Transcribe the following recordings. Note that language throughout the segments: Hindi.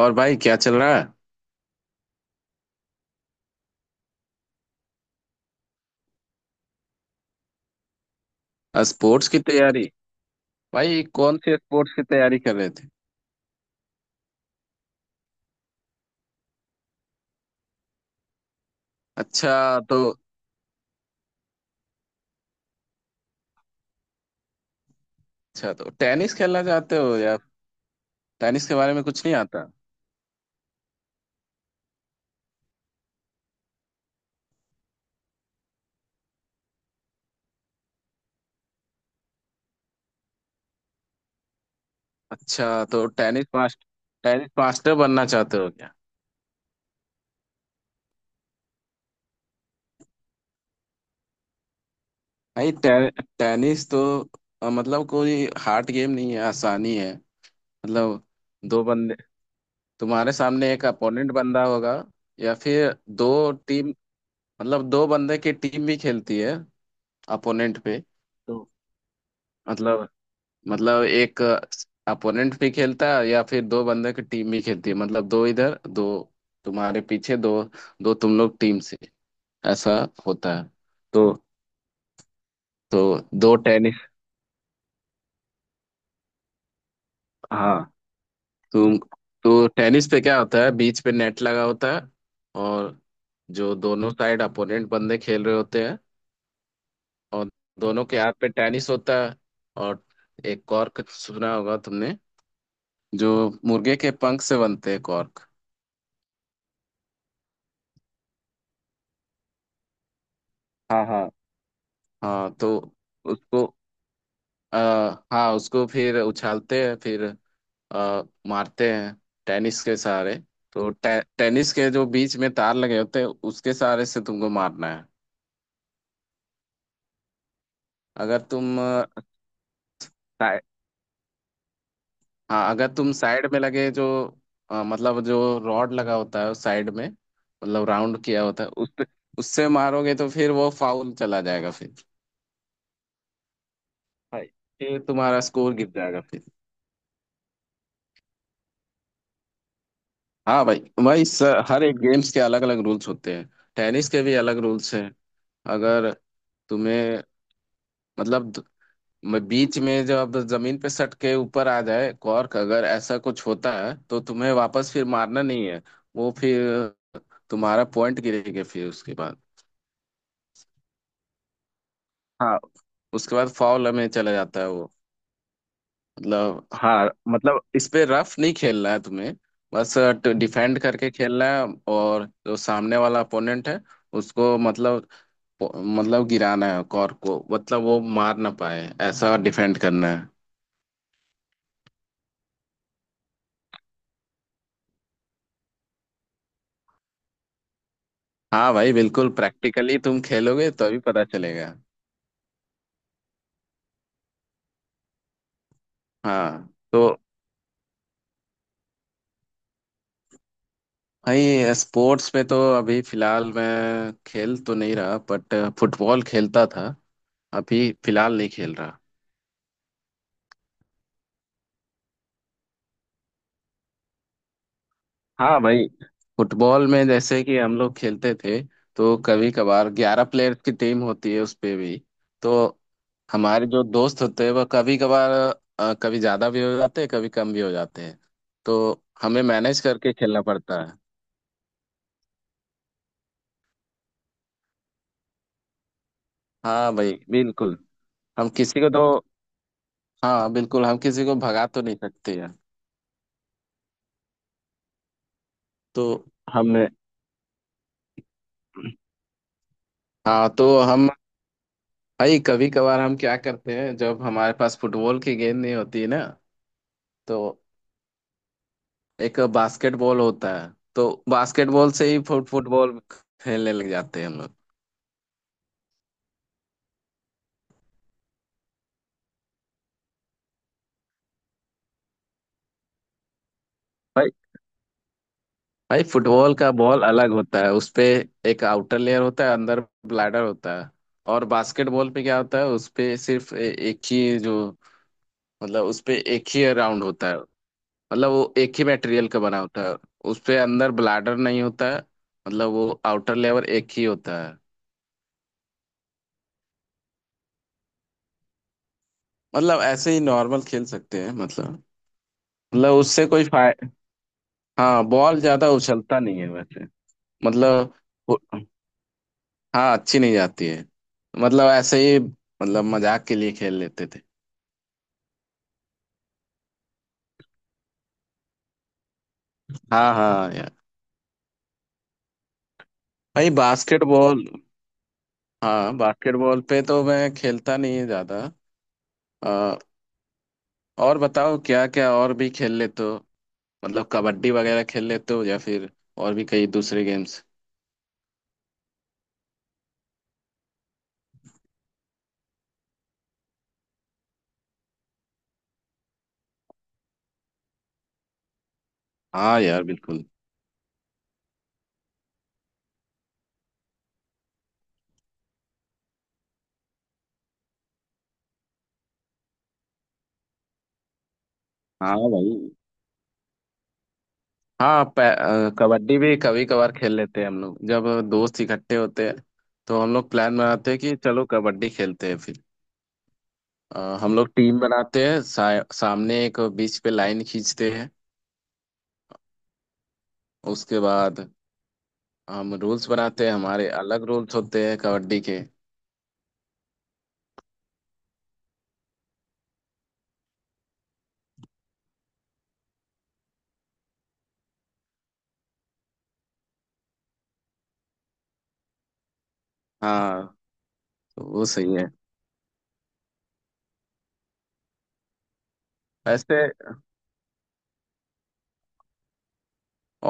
और भाई क्या चल रहा है। स्पोर्ट्स की तैयारी। भाई कौन से स्पोर्ट्स की तैयारी कर रहे थे। अच्छा तो। अच्छा तो टेनिस खेलना चाहते हो या। टेनिस के बारे में कुछ नहीं आता। अच्छा तो टेनिस मास्टर। टेनिस मास्टर बनना चाहते हो क्या। भाई टेनिस तो मतलब कोई हार्ड गेम नहीं है, आसानी है। मतलब दो बंदे तुम्हारे सामने एक अपोनेंट बंदा होगा, या फिर दो टीम, मतलब दो बंदे की टीम भी खेलती है अपोनेंट पे तो। मतलब मतलब एक अपोनेंट भी खेलता है या फिर दो बंदे की टीम भी खेलती है, मतलब दो इधर दो तुम्हारे पीछे, दो दो तुम लोग टीम से, ऐसा होता है। तो तो दो टेनिस। हाँ तुम। तो टेनिस पे क्या होता है, बीच पे नेट लगा होता है, और जो दोनों साइड अपोनेंट बंदे खेल रहे होते हैं, और दोनों के हाथ पे टेनिस होता है, और एक कॉर्क सुना होगा तुमने, जो मुर्गे के पंख से बनते हैं कॉर्क। हाँ हाँ। हाँ तो उसको आ, हाँ उसको फिर उछालते हैं फिर आ, मारते हैं टेनिस के सहारे। तो टेनिस के जो बीच में तार लगे होते हैं उसके सहारे से तुमको मारना है। अगर तुम आ, साइ- हाँ अगर तुम साइड में लगे जो मतलब जो रॉड लगा होता है साइड में, मतलब राउंड किया होता है उस पे, उससे मारोगे तो फिर वो फाउल चला जाएगा फिर, भाई, फिर तुम्हारा स्कोर गिर जाएगा फिर। हाँ भाई, हर एक गेम्स के अलग अलग रूल्स होते हैं, टेनिस के भी अलग रूल्स हैं। अगर तुम्हें मतलब द- बीच में जब जमीन पे सट के ऊपर आ जाए कॉर्क, अगर ऐसा कुछ होता है तो तुम्हें वापस फिर मारना नहीं है, वो फिर तुम्हारा पॉइंट गिरेगा फिर उसके बाद। हाँ, उसके बाद फाउल में चला जाता है वो। मतलब, हाँ, मतलब इस पे रफ नहीं खेलना है तुम्हें, बस डिफेंड करके खेलना है, और जो सामने वाला अपोनेंट है उसको मतलब गिराना है कॉर्क को, मतलब वो मार ना पाए ऐसा डिफेंड करना है। हाँ भाई बिल्कुल, प्रैक्टिकली तुम खेलोगे तो अभी पता चलेगा। हाँ तो भाई स्पोर्ट्स में तो अभी फिलहाल मैं खेल तो नहीं रहा, बट फुटबॉल खेलता था, अभी फिलहाल नहीं खेल रहा। हाँ भाई, फुटबॉल में जैसे कि हम लोग खेलते थे तो कभी कभार 11 प्लेयर्स की टीम होती है उस पे भी, तो हमारे जो दोस्त होते हैं वह कभी कभार कभी ज्यादा भी हो जाते हैं कभी कम भी हो जाते हैं, तो हमें मैनेज करके खेलना पड़ता है। हाँ भाई बिल्कुल। हम किसी को तो हाँ बिल्कुल, हम किसी को भगा तो नहीं सकते हैं। तो हमने हाँ, तो हम भाई कभी कभार हम क्या करते हैं, जब हमारे पास फुटबॉल की गेंद नहीं होती है ना, तो एक बास्केटबॉल होता है, तो बास्केटबॉल से ही फुट फुटबॉल खेलने लग जाते हैं हम लोग। भाई, भाई फुटबॉल का बॉल अलग होता है, उसपे एक आउटर लेयर होता है, अंदर ब्लैडर होता है, और बास्केटबॉल पे क्या होता है, उसपे सिर्फ एक ही जो, मतलब उसपे एक ही राउंड होता है, मतलब वो एक ही मटेरियल का बना होता है, उसपे अंदर ब्लैडर नहीं होता है, मतलब वो आउटर लेयर एक ही होता है। मतलब ऐसे ही नॉर्मल खेल सकते हैं, मतलब उससे कोई फायदा। हाँ बॉल ज्यादा उछलता नहीं है वैसे। मतलब वो- हाँ अच्छी नहीं जाती है, मतलब ऐसे ही मतलब मजाक के लिए खेल लेते थे। हाँ हाँ यार। भाई बास्केटबॉल। हाँ बास्केटबॉल पे तो मैं खेलता नहीं है ज्यादा। अ, और बताओ क्या क्या और भी खेल लेते हो, मतलब कबड्डी वगैरह खेल लेते हो या फिर और भी कई दूसरे गेम्स। हाँ यार बिल्कुल। हाँ भाई। हाँ कबड्डी भी कभी कभार खेल लेते हैं हम लोग, जब दोस्त इकट्ठे होते हैं तो हम लोग प्लान बनाते हैं कि चलो कबड्डी खेलते हैं फिर। हम लोग टीम बनाते हैं, सामने एक बीच पे लाइन खींचते हैं, उसके बाद हम रूल्स बनाते हैं, हमारे अलग रूल्स होते हैं कबड्डी के। हाँ तो वो सही है। वैसे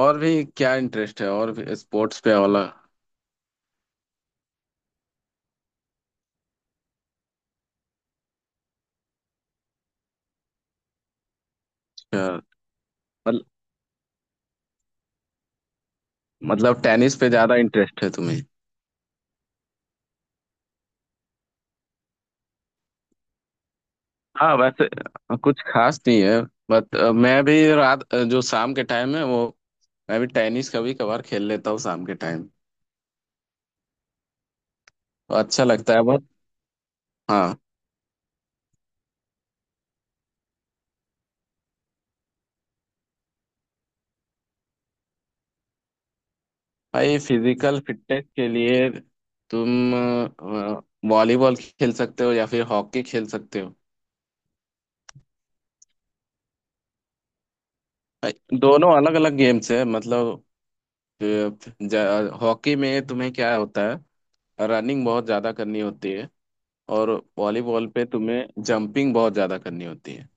और भी क्या इंटरेस्ट है और भी स्पोर्ट्स पे वाला। अच्छा, मतलब टेनिस पे ज्यादा इंटरेस्ट है तुम्हें। हाँ वैसे कुछ खास नहीं है, बट मैं भी जो शाम के टाइम है वो, मैं भी टेनिस कभी कभार खेल लेता हूँ शाम के टाइम, तो अच्छा लगता है बहुत। हाँ भाई, फिजिकल फिटनेस के लिए तुम वॉलीबॉल खेल सकते हो या फिर हॉकी खेल सकते हो। भाई, दोनों अलग अलग गेम्स है, मतलब अ, हॉकी में तुम्हें क्या होता है, रनिंग बहुत ज्यादा करनी होती है, और वॉलीबॉल पे तुम्हें जंपिंग बहुत ज्यादा करनी होती है।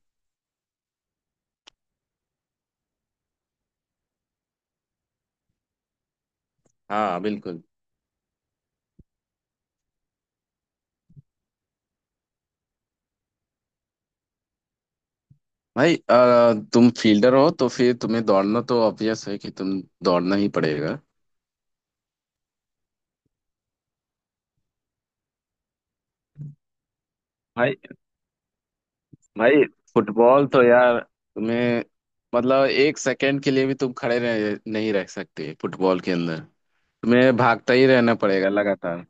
हाँ बिल्कुल। भाई तुम फील्डर हो तो फिर तुम्हें दौड़ना तो ऑब्वियस है कि तुम दौड़ना ही पड़ेगा। भाई भाई फुटबॉल तो यार तुम्हें, मतलब एक सेकंड के लिए भी तुम खड़े नहीं रह सकते फुटबॉल के अंदर, तुम्हें भागता ही रहना पड़ेगा लगातार।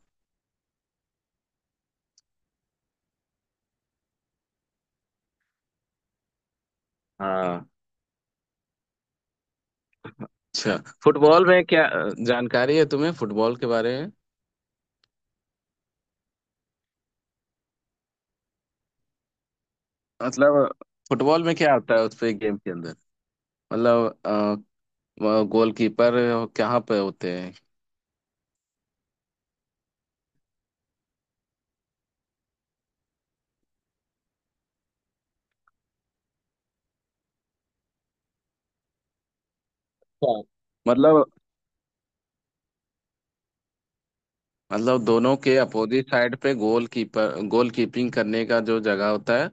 हाँ, अच्छा फुटबॉल में क्या जानकारी है तुम्हें फुटबॉल के बारे में, मतलब फुटबॉल में क्या आता है उस पे गेम के अंदर, मतलब गोलकीपर कहाँ पे होते हैं। अच्छा, मतलब मतलब दोनों के अपोजिट साइड पे गोलकीपर गोलकीपिंग करने का जो जगह होता है,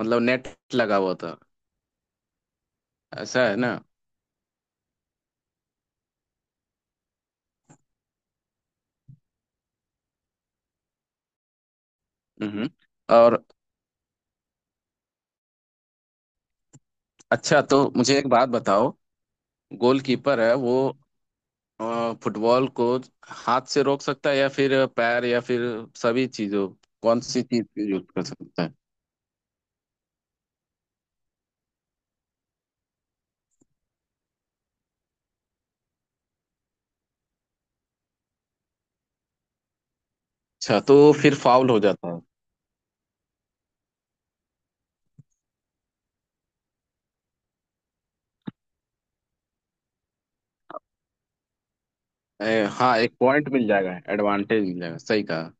मतलब नेट लगा हुआ होता है ऐसा है ना। हम्म और अच्छा तो मुझे एक बात बताओ। गोलकीपर है वो फुटबॉल को हाथ से रोक सकता है या फिर पैर या फिर सभी चीजों, कौन सी चीज यूज कर सकता है। अच्छा तो फिर फाउल हो जाता है। हाँ एक पॉइंट मिल जाएगा एडवांटेज मिल जाएगा, सही कहा।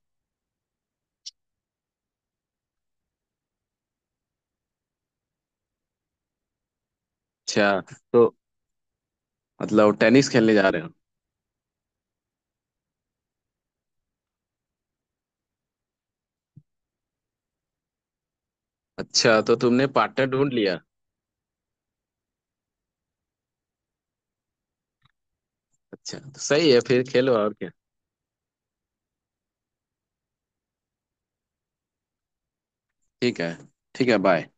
अच्छा तो मतलब टेनिस खेलने जा रहे हो। अच्छा तो तुमने पार्टनर ढूंढ लिया। अच्छा तो सही है फिर खेलो और क्या। ठीक है। ठीक है, बाय।